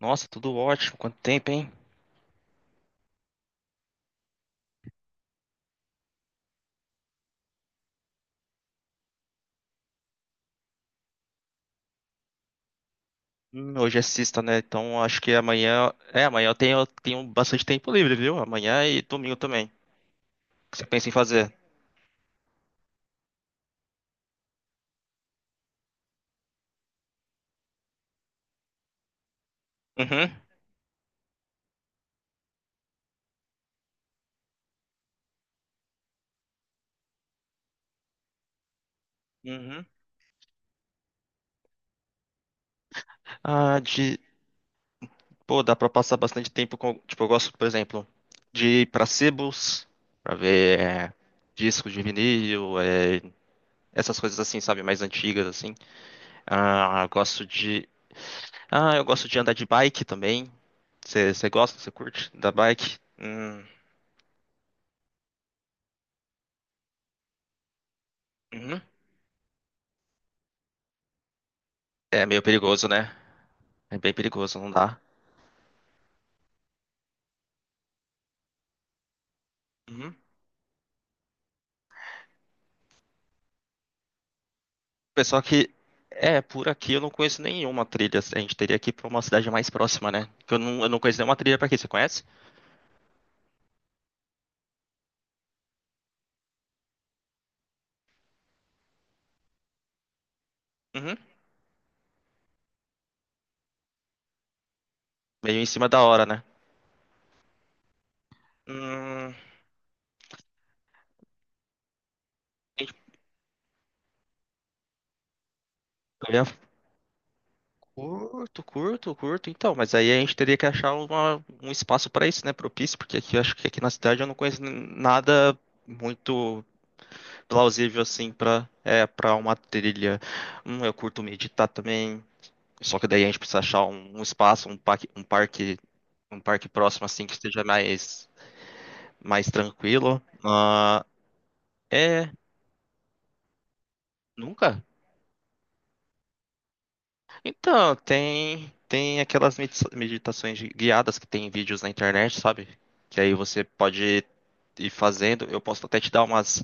Nossa, tudo ótimo. Quanto tempo, hein? Hoje é sexta, né? Então acho que amanhã. É, amanhã eu tenho bastante tempo livre, viu? Amanhã e domingo também. O que você pensa em fazer? Uhum. Uhum. Ah, de. Pô, dá pra passar bastante tempo com. Tipo, eu gosto, por exemplo, de ir pra sebos, pra ver é, discos de vinil, é, essas coisas assim, sabe? Mais antigas, assim. Ah, gosto de. Ah, eu gosto de andar de bike também. Você gosta? Você curte? Da bike? Hum. Uhum. É meio perigoso, né? É bem perigoso, não dá. Uhum. Pessoal que é por aqui, eu não conheço nenhuma trilha, assim. A gente teria que ir pra uma cidade mais próxima, né? Que eu não conheço nenhuma trilha pra aqui, você conhece? Uhum. Meio em cima da hora, né? A gente poderia- curto, curto, curto, então, mas aí a gente teria que achar um espaço pra isso, né? Propício, porque aqui eu acho que aqui na cidade eu não conheço nada muito plausível assim pra para uma trilha. Eu curto meditar também. Só que daí a gente precisa achar um espaço, um parque próximo assim que esteja mais, mais tranquilo. Ah, é, nunca. Então, tem aquelas meditações guiadas que tem vídeos na internet, sabe? Que aí você pode ir fazendo. Eu posso até te dar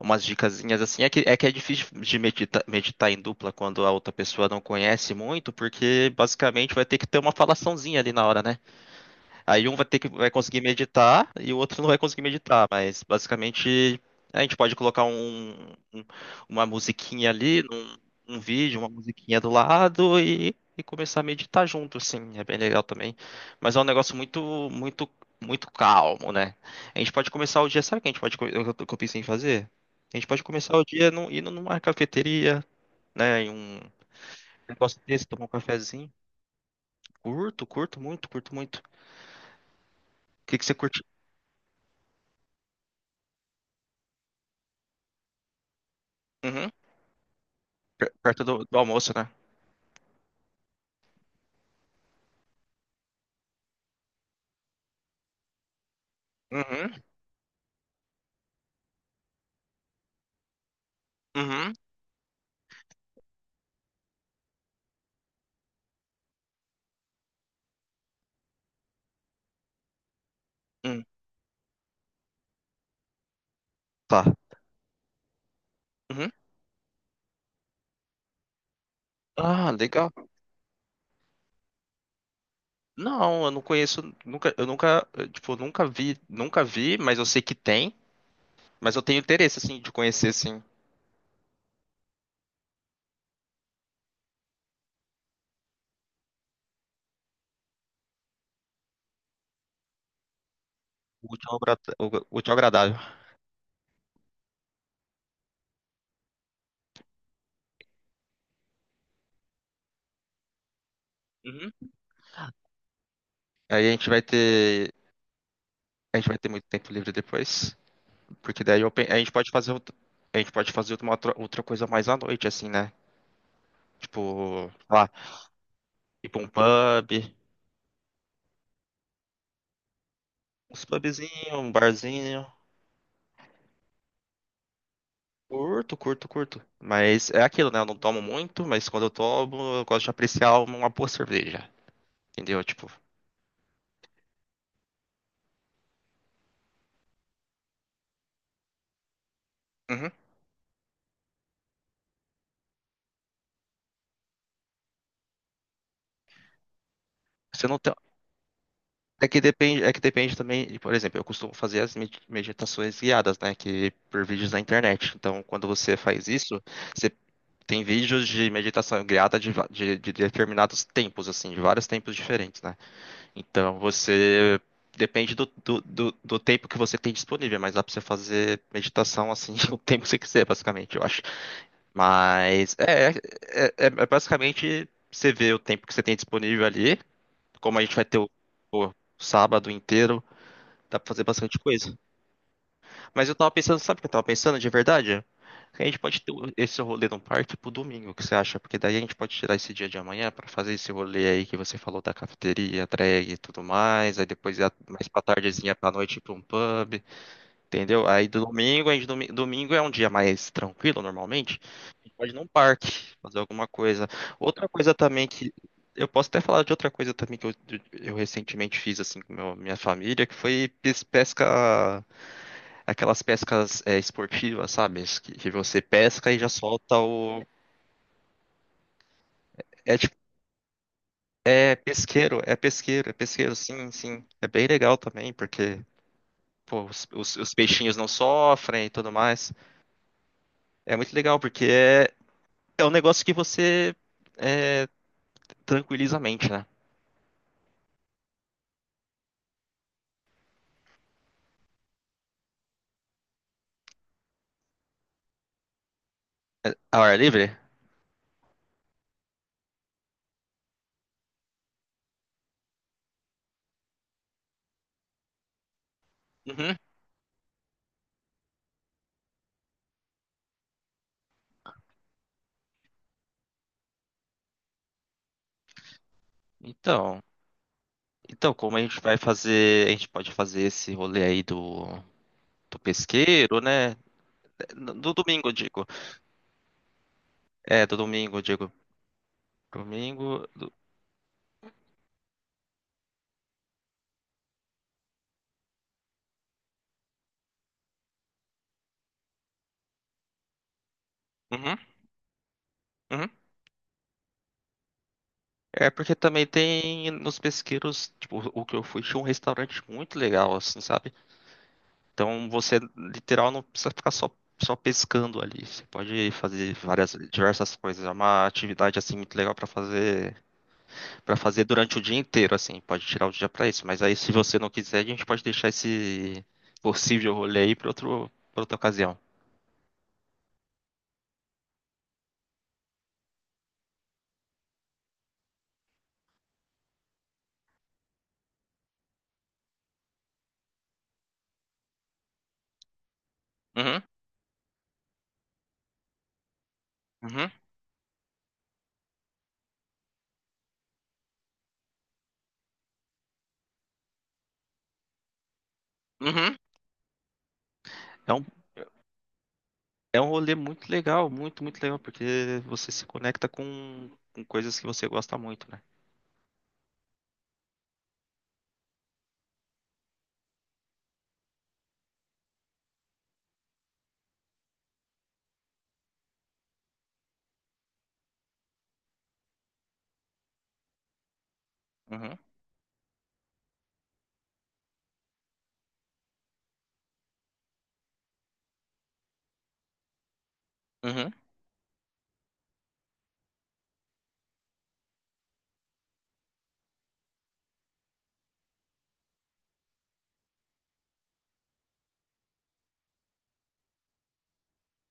umas dicasinhas assim. É que é difícil de meditar em dupla quando a outra pessoa não conhece muito, porque basicamente vai ter que ter uma falaçãozinha ali na hora, né? Aí um vai ter que vai conseguir meditar e o outro não vai conseguir meditar, mas basicamente a gente pode colocar uma musiquinha ali, um vídeo, uma musiquinha do lado e começar a meditar junto, assim, é bem legal também. Mas é um negócio muito, muito, muito calmo, né? A gente pode começar o dia, sabe o que a gente pode, que eu pensei em fazer? A gente pode começar o dia indo numa cafeteria, né, em um negócio desse, tomar um cafezinho. Curto, curto muito, curto muito. O que que você curte? Uhum. Perto do, do almoço, né? Uhum, uhum, uhum. Tá. Uhum. Ah, legal. Não, eu não conheço, nunca, eu nunca, tipo, nunca vi, nunca vi, mas eu sei que tem, mas eu tenho interesse, assim, de conhecer, assim, o útil ao agradável. Uhum. Aí a gente vai ter, a gente vai ter muito tempo livre depois, porque daí a gente pode a gente pode fazer uma outra, outra coisa mais à noite, assim, né? Tipo, sei lá, ir pra um pub, uns pubzinhos, um barzinho. Curto, curto, curto. Mas é aquilo, né? Eu não tomo muito, mas quando eu tomo, eu gosto de apreciar uma boa cerveja. Entendeu? Tipo, uhum. Você não tem... é que depende também, por exemplo, eu costumo fazer as meditações guiadas, né, que por vídeos na internet. Então, quando você faz isso, você tem vídeos de meditação guiada de determinados tempos, assim, de vários tempos diferentes, né? Então, você depende do tempo que você tem disponível, mas dá pra você fazer meditação assim o tempo que você quiser, basicamente. Eu acho. Mas é, é basicamente você vê o tempo que você tem disponível ali. Como a gente vai ter o sábado inteiro, dá pra fazer bastante coisa. Mas eu tava pensando, sabe o que eu tava pensando de verdade? Que a gente pode ter esse rolê no parque pro domingo, o que você acha? Porque daí a gente pode tirar esse dia de amanhã pra fazer esse rolê aí que você falou da cafeteria, drag e tudo mais. Aí depois mais pra tardezinha, pra noite, ir pra um pub. Entendeu? Aí do domingo, aí domingo é um dia mais tranquilo normalmente. A gente pode ir num parque, fazer alguma coisa. Outra coisa também que. Eu posso até falar de outra coisa também que eu recentemente fiz assim com minha família, que foi pesca, aquelas pescas é, esportivas, sabe? Que você pesca e já solta o. É tipo, é pesqueiro, é pesqueiro, é pesqueiro, sim, sim. É bem legal também, porque pô, os peixinhos não sofrem e tudo mais. É muito legal, porque é. É um negócio que você é, tranquiliza a mente, né? É, ao ar livre? Uhum. Então, então, como a gente vai fazer, a gente pode fazer esse rolê aí do, do pesqueiro, né? Do domingo, eu digo. É, do domingo, eu digo. Domingo. Uhum, uhum. É porque também tem nos pesqueiros, tipo, o que eu fui, tinha um restaurante muito legal, assim, sabe? Então você literal não precisa ficar só pescando ali. Você pode fazer várias diversas coisas. É uma atividade assim muito legal para fazer durante o dia inteiro assim. Pode tirar o dia para isso. Mas aí se você não quiser, a gente pode deixar esse possível rolê aí para outra ocasião. Uhum, uhum, uhum. É um, é um rolê muito legal, muito, muito legal, porque você se conecta com coisas que você gosta muito, né? Uhum, uhum.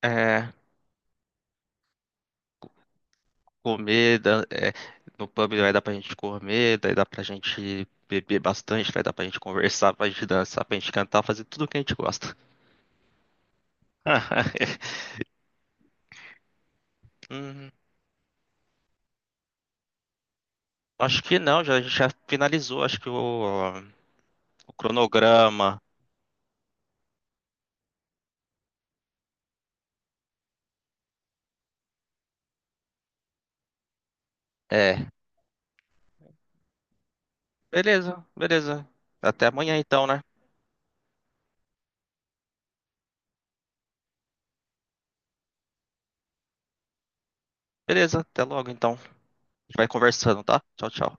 É, comer, é, no pub vai dar pra gente comer, daí dá pra gente beber bastante, vai dar pra gente conversar, pra gente dançar, pra gente cantar, fazer tudo o que a gente gosta. Hum, Acho que não, já, a gente já finalizou, acho que o cronograma. É, beleza, beleza. Até amanhã então, né? Beleza, até logo então. A gente vai conversando, tá? Tchau, tchau.